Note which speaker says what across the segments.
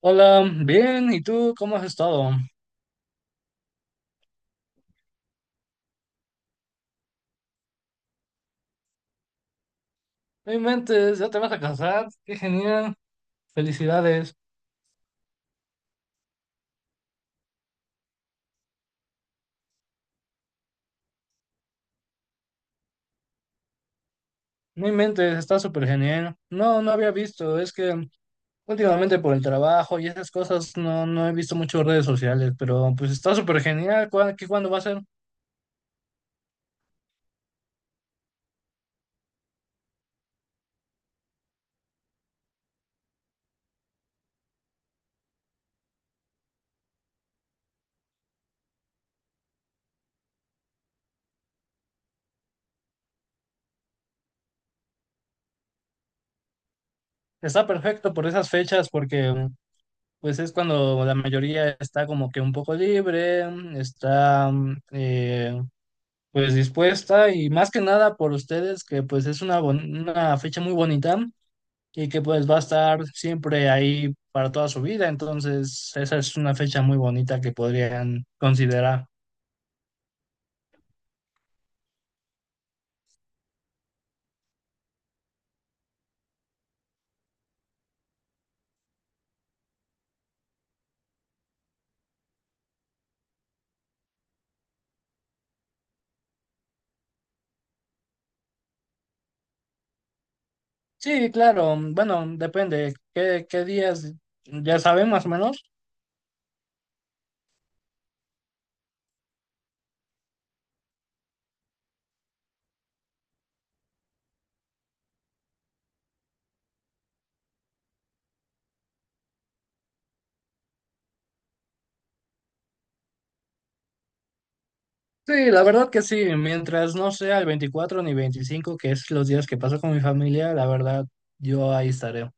Speaker 1: Hola, bien, ¿y tú cómo has estado? No inventes, ya te vas a casar, qué genial, felicidades. No inventes, está súper genial. No, no había visto, es que últimamente por el trabajo y esas cosas no he visto mucho redes sociales, pero pues está súper genial, ¿qué cuándo va a ser? Está perfecto por esas fechas porque pues es cuando la mayoría está como que un poco libre, está eh, pues dispuesta y más que nada por ustedes que pues es una, una fecha muy bonita. Y que pues va a estar siempre ahí para toda su vida. Entonces, esa es una fecha muy bonita que podrían considerar. Sí, claro, bueno, depende qué, qué días, ya saben más o menos. Sí, la verdad que sí, mientras no sea el 24 ni 25, que es los días que paso con mi familia, la verdad, yo ahí estaré.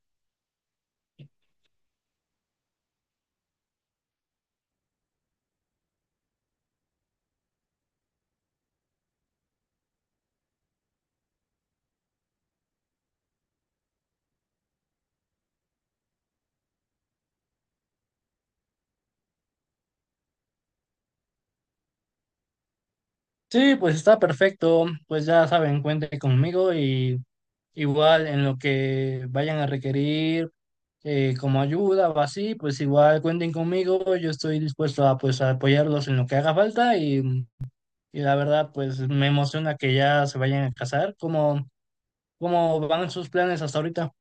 Speaker 1: Sí, pues está perfecto. Pues ya saben, cuenten conmigo y igual en lo que vayan a requerir como ayuda o así, pues igual cuenten conmigo. Yo estoy dispuesto a pues a apoyarlos en lo que haga falta y la verdad pues me emociona que ya se vayan a casar. ¿Cómo, cómo van sus planes hasta ahorita?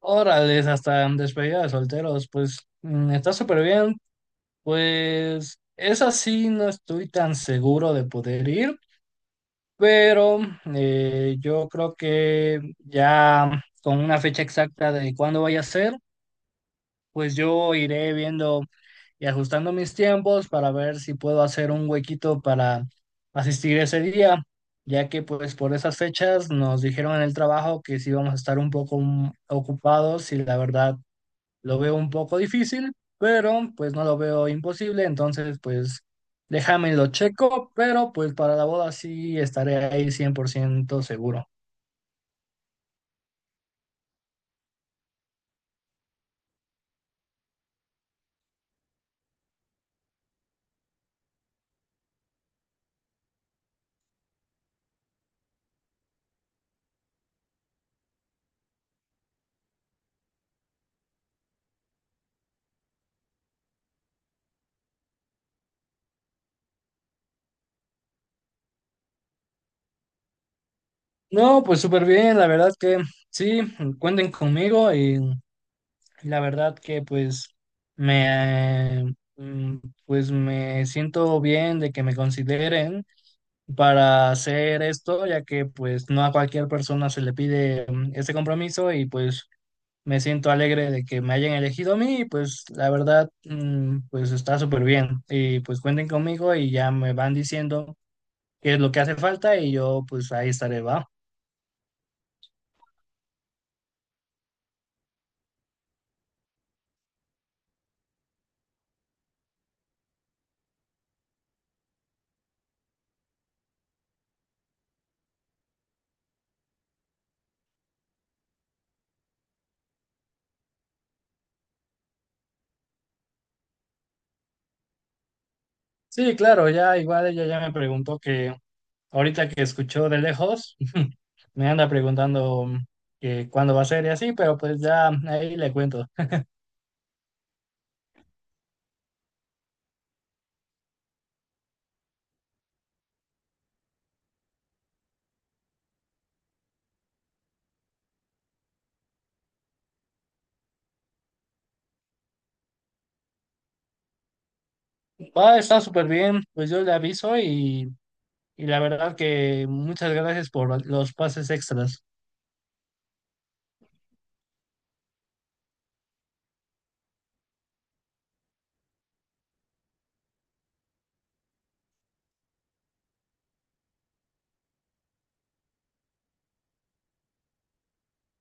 Speaker 1: Órales, hasta despedida de solteros, pues mm, está súper bien. Pues esa sí no estoy tan seguro de poder ir, pero yo creo que ya con una fecha exacta de cuándo vaya a ser, pues yo iré viendo y ajustando mis tiempos para ver si puedo hacer un huequito para asistir ese día, ya que pues por esas fechas nos dijeron en el trabajo que sí vamos a estar un poco mm, ocupados y la verdad lo veo un poco difícil, pero pues no lo veo imposible, entonces pues déjame lo checo, pero pues para la boda sí estaré ahí 100% seguro. No, pues súper bien, la verdad que sí, cuenten conmigo y la verdad que pues me, mm, pues me siento bien de que me consideren para hacer esto, ya que pues no a cualquier persona se le pide mm, este compromiso y pues me siento alegre de que me hayan elegido a mí y pues la verdad, mm, pues está súper bien. Y pues cuenten conmigo y ya me van diciendo qué es lo que hace falta y yo pues ahí estaré, ¿va? Sí, claro, ya igual ella ya me preguntó que ahorita que escuchó de lejos, me anda preguntando mm, que cuándo va a ser y así, pero pues ya ahí le cuento. Va, está súper bien, pues yo le aviso y la verdad que muchas gracias por los pases extras.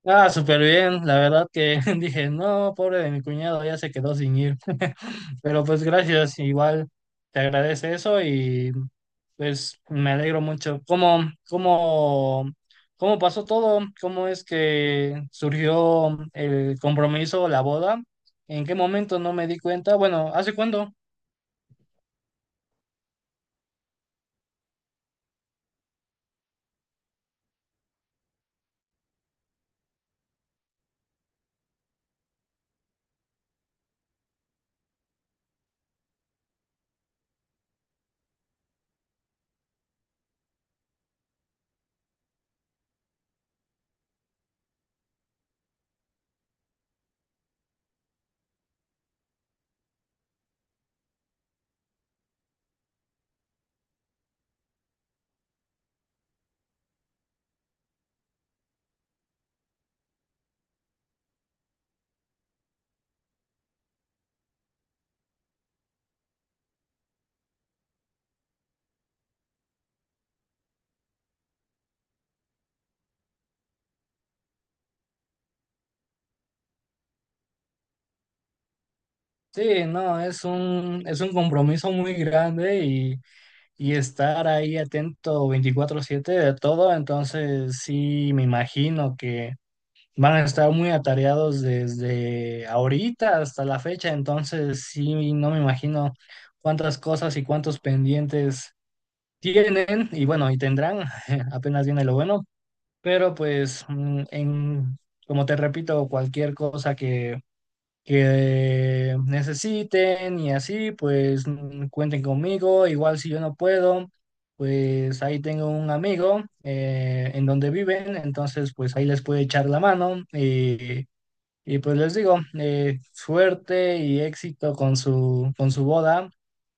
Speaker 1: Ah, súper bien. La verdad que dije, no, pobre de mi cuñado, ya se quedó sin ir. Pero pues gracias, igual te agradece eso y pues me alegro mucho. ¿Cómo, cómo, cómo pasó todo? ¿Cómo es que surgió el compromiso, la boda? ¿En qué momento no me di cuenta? Bueno, ¿hace cuándo? Sí, no, es es un compromiso muy grande y estar ahí atento 24/7 de todo, entonces sí me imagino que van a estar muy atareados desde ahorita hasta la fecha, entonces sí no me imagino cuántas cosas y cuántos pendientes tienen y bueno, y tendrán, apenas viene lo bueno, pero pues mm, en, como te repito, cualquier cosa que necesiten y así, pues mm, cuenten conmigo. Igual si yo no puedo, pues ahí tengo un amigo en donde viven, entonces pues ahí les puedo echar la mano y, pues les digo, suerte y éxito con su boda.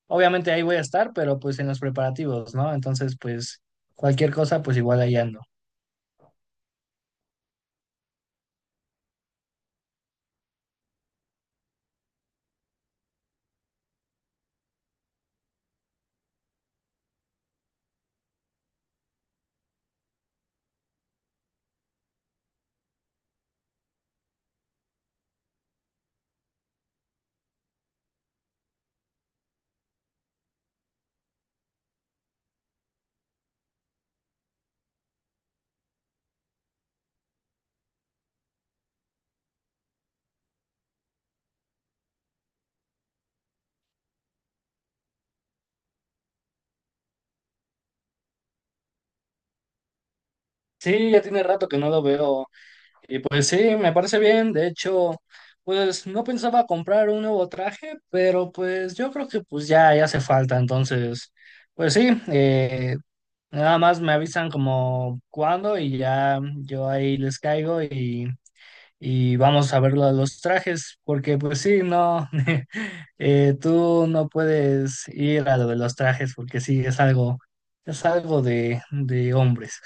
Speaker 1: Obviamente ahí voy a estar, pero pues en los preparativos, ¿no? Entonces pues cualquier cosa, pues igual ahí ando. Sí, ya tiene rato que no lo veo. Y pues sí, me parece bien. De hecho, pues no pensaba comprar un nuevo traje, pero pues yo creo que pues ya, ya hace falta. Entonces, pues sí, nada más me avisan como cuándo y ya yo ahí les caigo y vamos a ver lo de los trajes, porque pues sí, no, tú no puedes ir a lo de los trajes porque sí, es algo de hombres.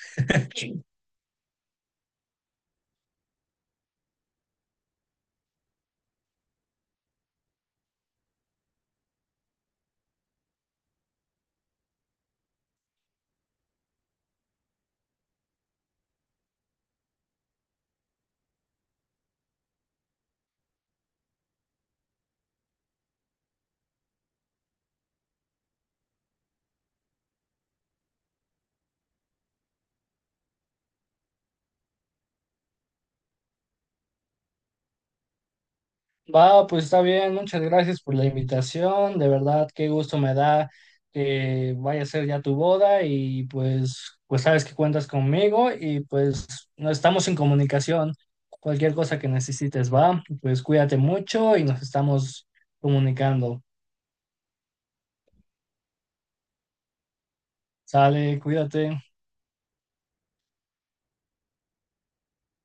Speaker 1: Va, pues está bien, muchas gracias por la invitación, de verdad, qué gusto me da que vaya a ser ya tu boda y pues, pues sabes que cuentas conmigo y pues no estamos en comunicación, cualquier cosa que necesites, va, pues cuídate mucho y nos estamos comunicando. Sale, cuídate.